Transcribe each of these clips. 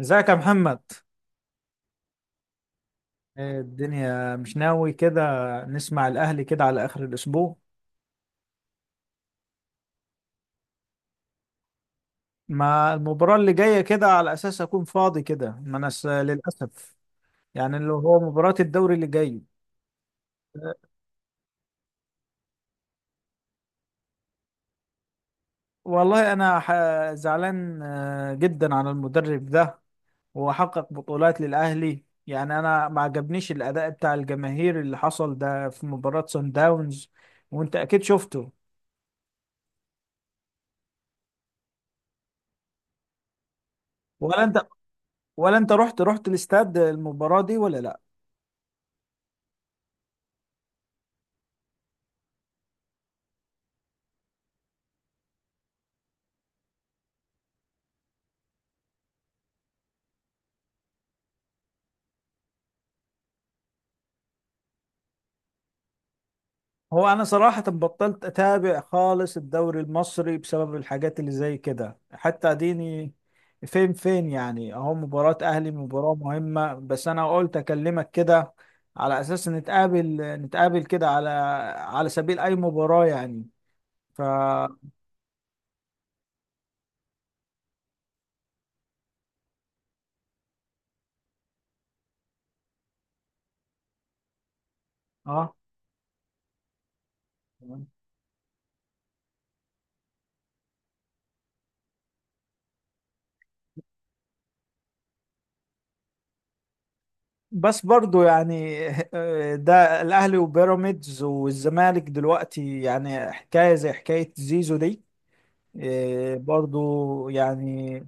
ازيك يا محمد؟ إيه الدنيا، مش ناوي كده نسمع الاهلي كده على اخر الاسبوع؟ ما المباراة اللي جاية كده على اساس اكون فاضي كده، ما انا س- للاسف، يعني اللي هو مباراة الدوري اللي جاي. والله انا زعلان جدا على المدرب ده. هو حقق بطولات للاهلي، يعني انا ما عجبنيش الاداء بتاع الجماهير اللي حصل ده في مباراة سان داونز، وانت اكيد شفته. ولا انت ولا انت رحت الاستاد المباراة دي ولا لا؟ هو انا صراحة بطلت اتابع خالص الدوري المصري بسبب الحاجات اللي زي كده، حتى اديني فين، يعني اهو مباراة اهلي مباراة مهمة، بس انا قلت اكلمك كده على اساس نتقابل كده على سبيل اي مباراة يعني. ف اه، بس برضو يعني ده الاهلي وبيراميدز والزمالك دلوقتي يعني حكاية زي حكاية زيزو دي. إيه، برضو يعني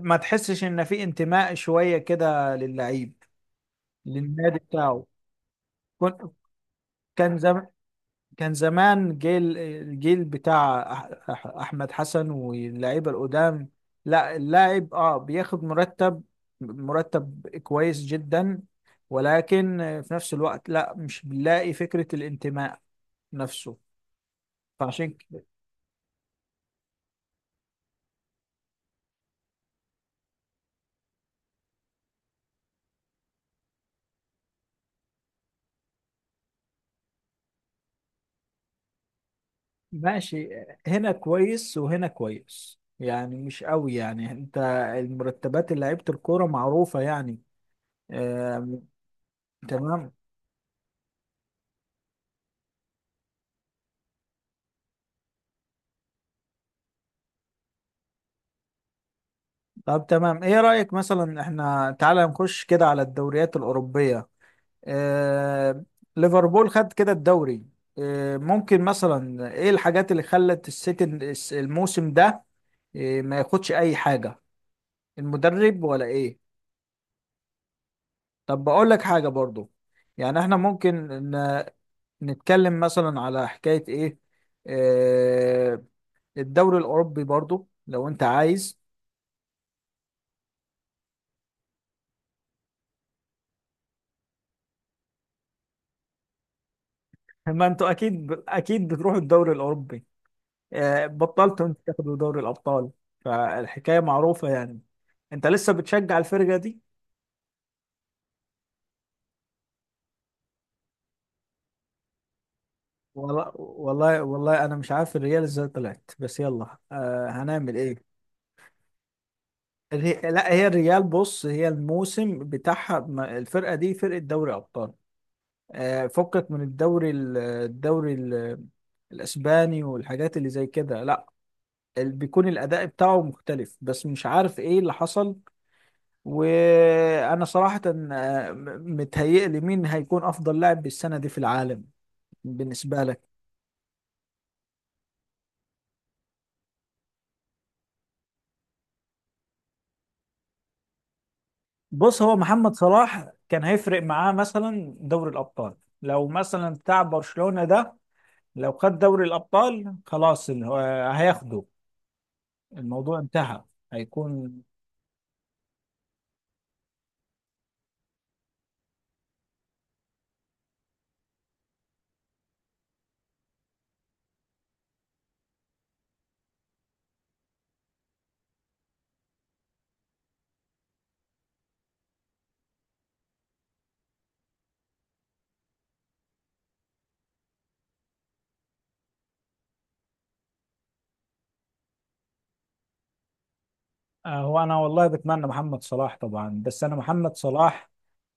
ما تحسش ان في انتماء شويه كده للعيب للنادي بتاعه. كنت كان زم... كان زمان الجيل بتاع احمد حسن واللعيبه القدام. لا، اللاعب بياخد مرتب كويس جدا، ولكن في نفس الوقت لا، مش بنلاقي فكره الانتماء نفسه. فعشان ماشي، هنا كويس وهنا كويس يعني، مش قوي يعني انت، المرتبات اللي لعيبة الكورة معروفة يعني. آه، تمام. طب تمام، ايه رأيك مثلا احنا تعالى نخش كده على الدوريات الأوروبية. آه، ليفربول خد كده الدوري. آه، ممكن مثلا ايه الحاجات اللي خلت السيتي الموسم ده آه ما ياخدش اي حاجة، المدرب ولا ايه؟ طب بقول لك حاجة برضو، يعني احنا ممكن نتكلم مثلا على حكاية ايه، آه، الدوري الأوروبي برضو لو انت عايز. ما انتوا اكيد اكيد بتروحوا الدوري الأوروبي، آه، بطلتوا انت تاخدوا دوري الأبطال، فالحكاية معروفة يعني. انت لسه بتشجع الفرقة دي؟ والله والله والله انا مش عارف الريال ازاي طلعت، بس يلا، آه، هنعمل ايه. لا، هي الريال، بص، هي الموسم بتاعها الفرقة دي فرقة دوري أبطال. فكك من الدوري الاسباني والحاجات اللي زي كده. لا، بيكون الاداء بتاعه مختلف، بس مش عارف ايه اللي حصل. وانا صراحة، متهيئلي مين هيكون افضل لاعب بالسنة دي في العالم بالنسبة لك؟ بص، هو محمد صلاح كان هيفرق معاه مثلا دوري الابطال، لو مثلا بتاع برشلونة ده لو خد دوري الابطال خلاص، هو هياخده، الموضوع انتهى، هيكون. هو انا والله بتمنى محمد صلاح طبعا، بس انا محمد صلاح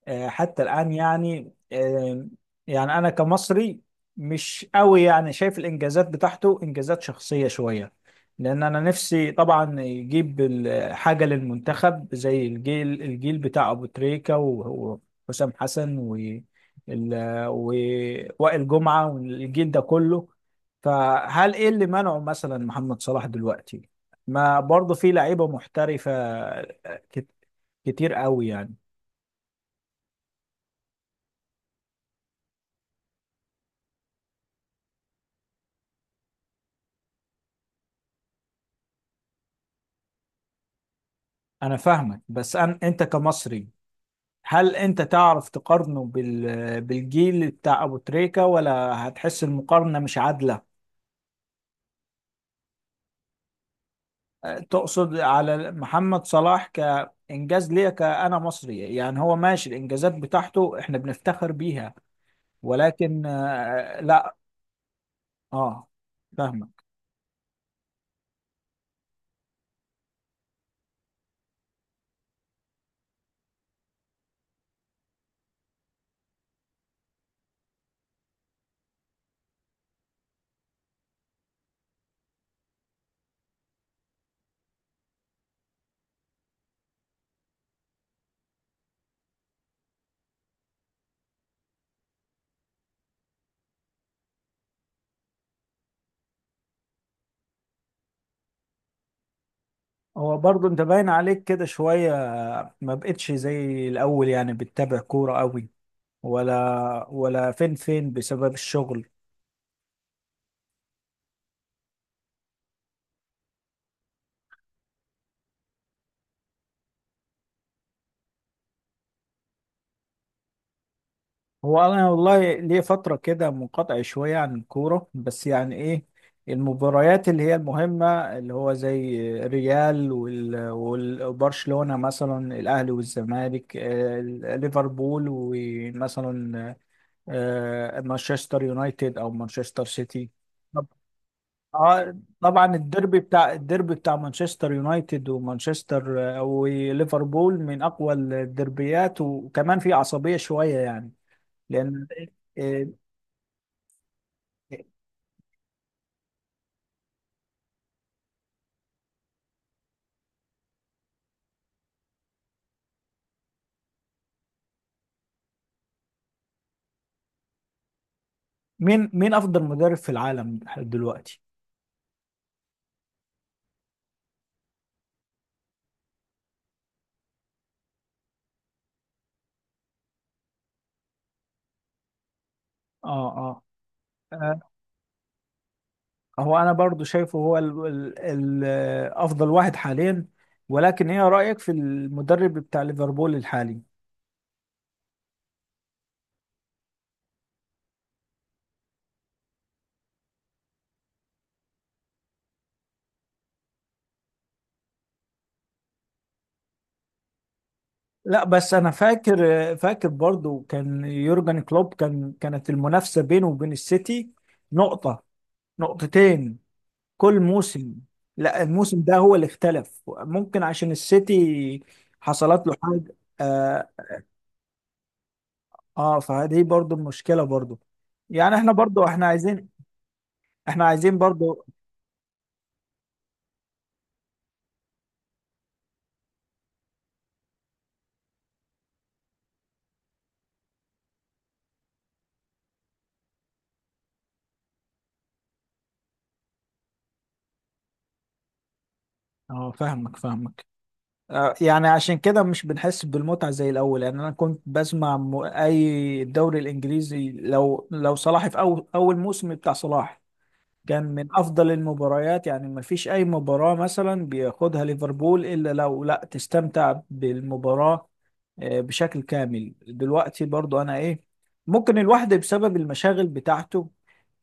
حتى الآن يعني، يعني أنا كمصري مش قوي يعني شايف الإنجازات بتاعته إنجازات شخصية شوية، لأن أنا نفسي طبعا يجيب حاجة للمنتخب زي الجيل بتاع أبو تريكة، وحسام حسن ال- ووائل جمعة والجيل ده كله. فهل إيه اللي منعه مثلا محمد صلاح دلوقتي؟ ما برضه في لعيبة محترفة كت- كتير قوي يعني. انا فاهمك، بس انت كمصري هل انت تعرف تقارنه بالجيل بتاع ابو تريكة، ولا هتحس المقارنة مش عادلة؟ أه، تقصد على محمد صلاح كإنجاز ليا كأنا مصري؟ يعني هو ماشي الإنجازات بتاعته احنا بنفتخر بيها، ولكن لا. اه، فاهمك. هو برضه انت باين عليك كده شوية ما بقتش زي الأول يعني بتتابع كورة قوي؟ ولا فين بسبب الشغل؟ هو انا والله ليه فتره كده منقطع شويه عن الكوره، بس يعني ايه، المباريات اللي هي المهمه، اللي هو زي ريال والبرشلونه، مثلا الاهلي والزمالك ليفربول ومثلا مانشستر يونايتد او مانشستر سيتي. طب- طبعا الديربي بتاع مانشستر يونايتد ومانشستر وليفربول من اقوى الديربيات، وكمان في عصبيه شويه يعني لان آه، مين افضل مدرب في العالم دلوقتي؟ اه اه آه، هو انا برضو شايفه هو ال افضل واحد حاليا، ولكن ايه رايك في المدرب بتاع ليفربول الحالي؟ لا، بس انا فاكر برضو كان يورجن كلوب، كانت المنافسه بينه وبين السيتي نقطه، نقطتين كل موسم. لا، الموسم ده هو اللي اختلف، ممكن عشان السيتي حصلت له حاجه. آه، اه، فدي برضو المشكلة برضو، يعني احنا برضو احنا عايزين برضو. اه، فاهمك. آه، يعني عشان كده مش بنحس بالمتعة زي الأول، يعني أنا كنت بسمع أي الدوري الإنجليزي، لو صلاح في أول موسم بتاع صلاح كان من أفضل المباريات، يعني ما فيش أي مباراة مثلا بياخدها ليفربول إلا لو لا تستمتع بالمباراة بشكل كامل. دلوقتي برضو أنا إيه، ممكن الواحد بسبب المشاغل بتاعته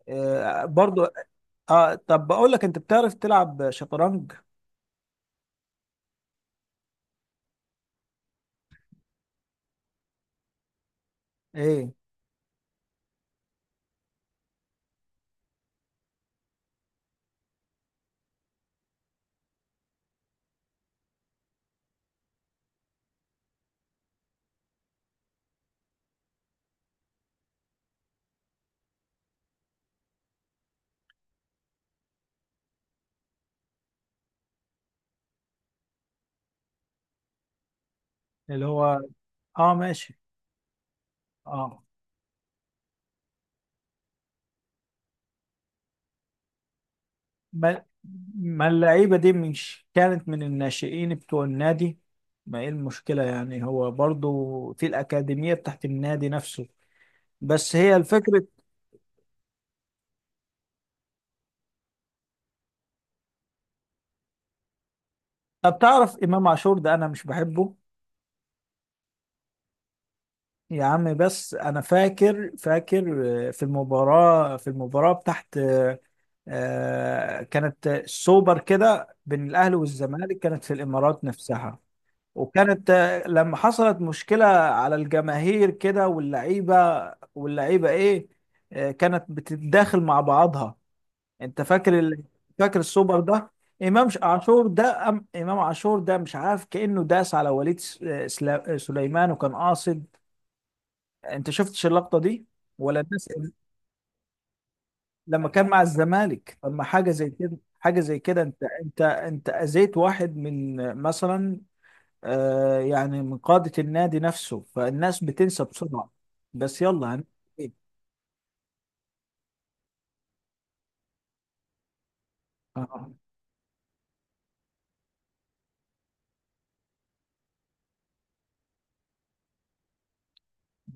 برضو. اه، طب بقول لك، انت بتعرف تلعب شطرنج؟ ايه اللي هو؟ اه، ماشي. اه، ما, ما اللعيبه دي مش كانت من الناشئين بتوع النادي؟ ما ايه المشكله، يعني هو برضو في الاكاديميه بتاعت النادي نفسه، بس هي الفكره. طب تعرف امام عاشور ده انا مش بحبه. يا عم، بس انا فاكر في المباراه بتاعت كانت السوبر كده بين الاهلي والزمالك، كانت في الامارات نفسها، وكانت لما حصلت مشكله على الجماهير كده واللعيبه، واللعيبه ايه كانت بتتداخل مع بعضها. انت فاكر فاكر السوبر ده؟ عاشور ده امام عاشور ده مش عارف كانه داس على وليد سليمان وكان قاصد. انت شفتش اللقطه دي ولا الناس؟ لما كان مع الزمالك، طب ما حاجه زي كده، انت اذيت واحد من مثلا يعني من قاده النادي نفسه، فالناس بتنسى بسرعه. بس يلا آه.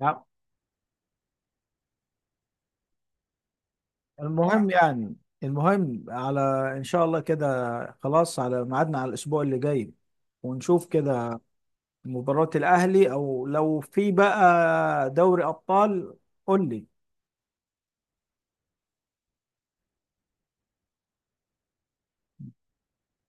نعم. المهم يعني المهم على ان شاء الله كده، خلاص على ميعادنا على الاسبوع اللي جاي، ونشوف كده مباراة الاهلي، او لو في بقى دوري ابطال، قول لي.